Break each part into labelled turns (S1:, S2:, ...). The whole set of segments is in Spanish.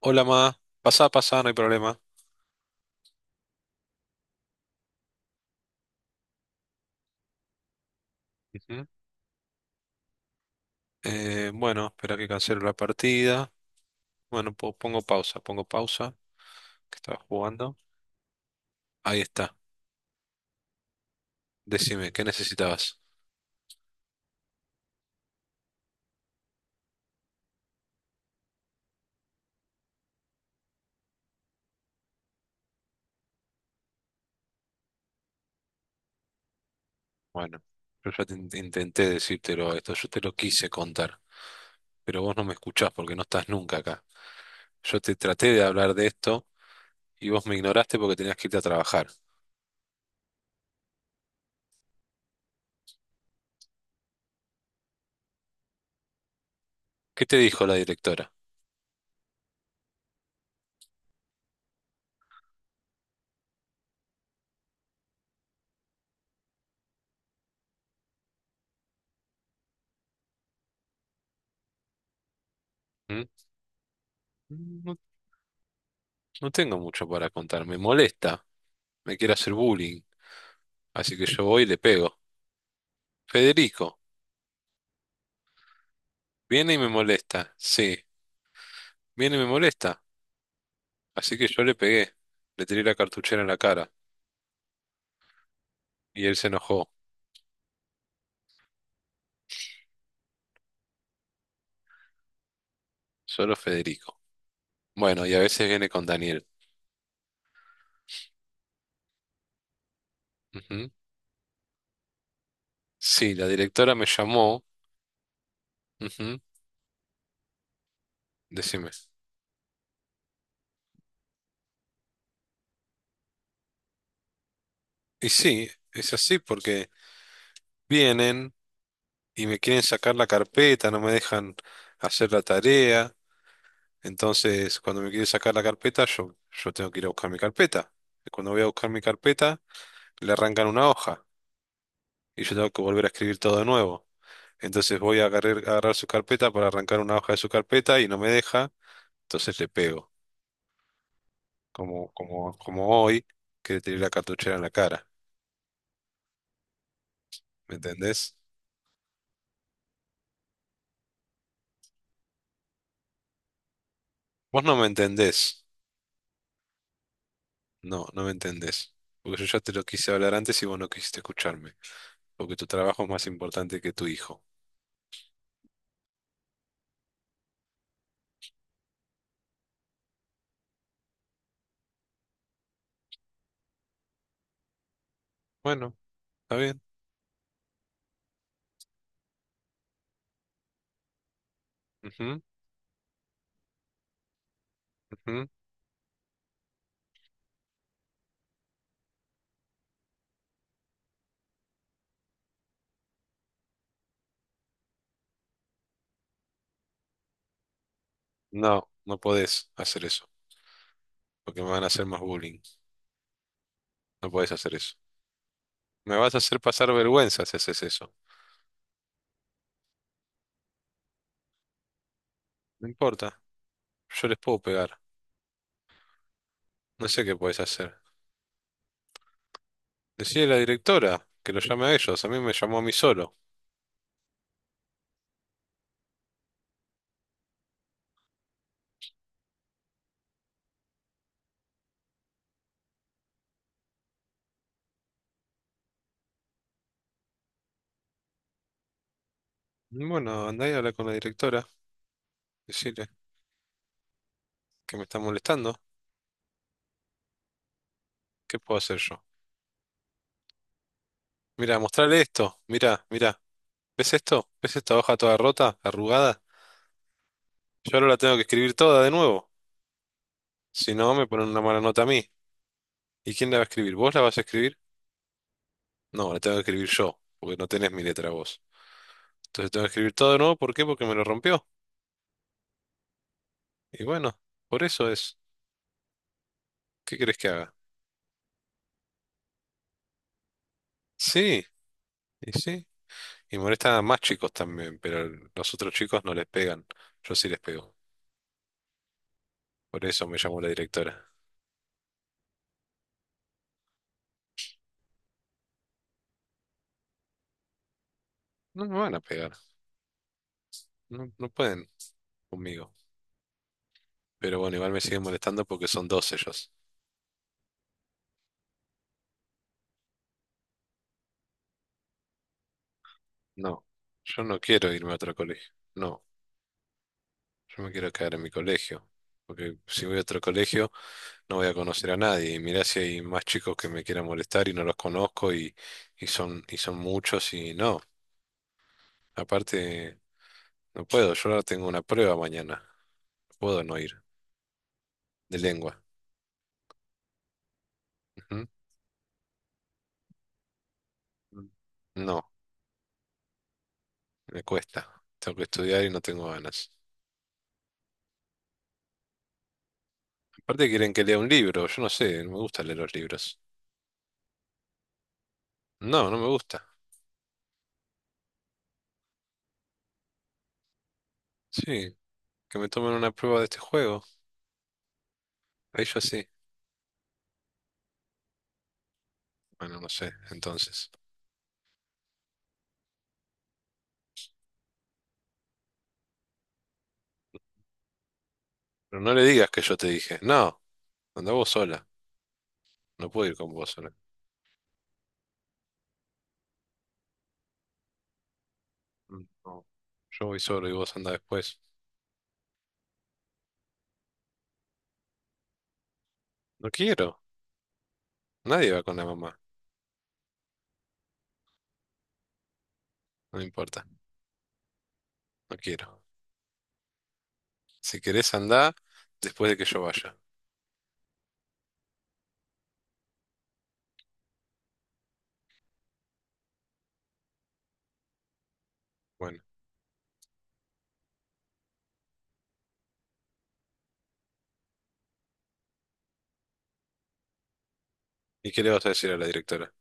S1: Hola, ma. Pasá, pasá, no hay problema. Ujú. Bueno, Espera que cancelo la partida. Bueno, pongo pausa, que estaba jugando. Ahí está. Decime, ¿qué necesitabas? Bueno, yo ya te intenté decírtelo esto, yo te lo quise contar, pero vos no me escuchás porque no estás nunca acá. Yo te traté de hablar de esto y vos me ignoraste porque tenías que irte a trabajar. ¿Qué te dijo la directora? ¿Mm? No, no tengo mucho para contar, me molesta, me quiere hacer bullying, así que yo voy y le pego. Federico. Viene y me molesta, sí, viene y me molesta. Así que yo le pegué, le tiré la cartuchera en la cara y él se enojó, solo Federico. Bueno, y a veces viene con Daniel. Ujú. Sí, la directora me llamó, ujú. Decime. Y sí, es así porque vienen y me quieren sacar la carpeta, no me dejan hacer la tarea. Entonces, cuando me quieren sacar la carpeta, yo tengo que ir a buscar mi carpeta. Y cuando voy a buscar mi carpeta, le arrancan una hoja y yo tengo que volver a escribir todo de nuevo. Entonces voy a agarrar su carpeta para arrancar una hoja de su carpeta y no me deja. Entonces le pego, como hoy, que le tiré la cartuchera en la cara. ¿Me entendés? Vos no me entendés. No, no me entendés. Porque yo ya te lo quise hablar antes y vos no quisiste escucharme. Porque tu trabajo es más importante que tu hijo. Bueno, está bien. Ujú, ujú. No, no podés hacer eso. Porque me van a hacer más bullying. No podés hacer eso. Me vas a hacer pasar vergüenza si haces eso. No importa. Yo les puedo pegar. No sé qué podés hacer. Decirle a la directora que lo llame a ellos. A mí me llamó a mí solo. Bueno, andá y habla con la directora. Decirle que me está molestando. ¿Qué puedo hacer yo? Mira, mostrarle esto. Mira, mira. ¿Ves esto? ¿Ves esta hoja toda rota, arrugada? Yo ahora la tengo que escribir toda de nuevo. Si no, me ponen una mala nota a mí. ¿Y quién la va a escribir? ¿Vos la vas a escribir? No, la tengo que escribir yo, porque no tenés mi letra vos. Entonces tengo que escribir todo de nuevo. ¿Por qué? Porque me lo rompió. Y bueno, por eso es. ¿Qué querés que haga? Sí, y sí. Y molestan a más chicos también, pero los otros chicos no les pegan. Yo sí les pego. Por eso me llamó la directora. No me van a pegar. No, no pueden conmigo. Pero bueno, igual me siguen molestando porque son dos ellos. No, yo no quiero irme a otro colegio. No, yo me quiero quedar en mi colegio. Porque si voy a otro colegio no voy a conocer a nadie. Y mirá si hay más chicos que me quieran molestar y no los conozco y, y son muchos y no. Aparte, no puedo. Yo ahora tengo una prueba mañana. No puedo no ir de lengua. ¿Mm? No, me cuesta. Tengo que estudiar y no tengo ganas. Aparte quieren que lea un libro, yo no sé, no me gusta leer los libros. No, no me gusta. Sí, que me tomen una prueba de este juego. Ahí yo sí. Bueno, no sé, entonces. Pero no le digas que yo te dije. No, anda vos sola. No puedo ir con vos sola. No, yo voy solo y vos anda después. No quiero. Nadie va con la mamá. No me importa. No quiero. Si querés andá después de que yo vaya. Bueno, ¿y qué le vas a decir a la directora?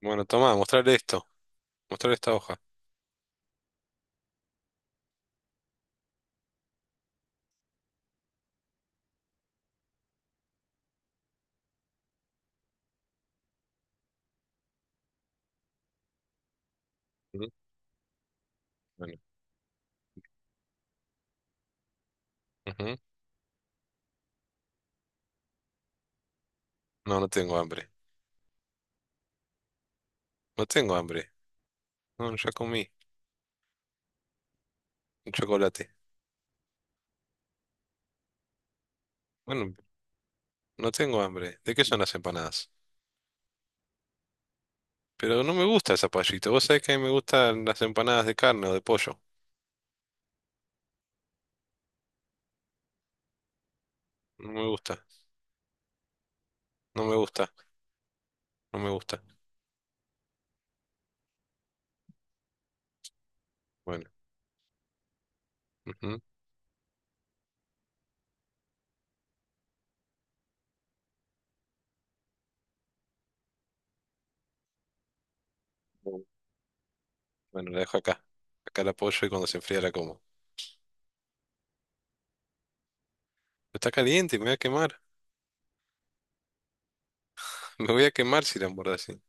S1: Bueno, tomá, mostrarle esto. Mostrar esta hoja. Ujú. Bueno. Ujú. No, no tengo hambre. No tengo hambre. No, ya comí un chocolate. Bueno, no tengo hambre. ¿De qué son las empanadas? Pero no me gusta el zapallito. Vos sabés que a mí me gustan las empanadas de carne o de pollo. No me gusta. No me gusta. No me gusta. Bueno. Ujú. Bueno, la dejo acá. Acá la apoyo y cuando se enfría la como. Está caliente, me voy a quemar. Me voy a quemar si la muerdo así.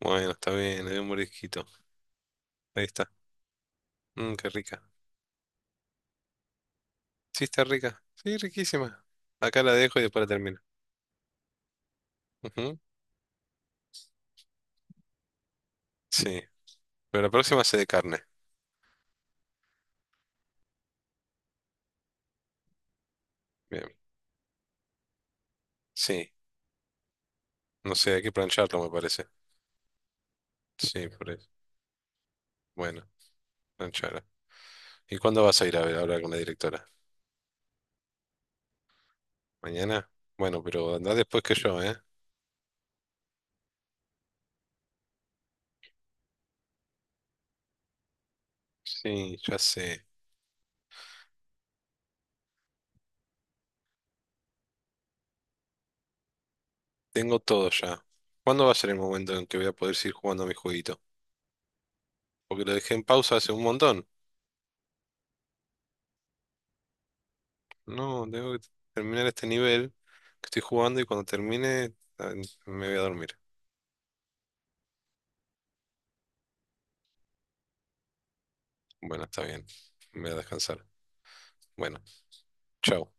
S1: Bueno, está bien, le doy un mordisquito. Ahí está. Mmm, qué rica. Sí, está rica. Sí, riquísima. Acá la dejo y después la termino. Ujú. Sí, pero la próxima sé de carne. Bien. Sí, no sé, hay que plancharlo, me parece. Sí, por eso. Bueno, plancharlo. ¿Y cuándo vas a ir a ver a hablar con la directora? ¿Mañana? Bueno, pero andá después que yo, ¿eh? Sí, ya sé. Tengo todo ya. ¿Cuándo va a ser el momento en que voy a poder seguir jugando a mi jueguito? Porque lo dejé en pausa hace un montón. No, tengo que terminar este nivel que estoy jugando y cuando termine ah, me voy a dormir. Bueno, está bien. Me voy a descansar. Bueno, chao.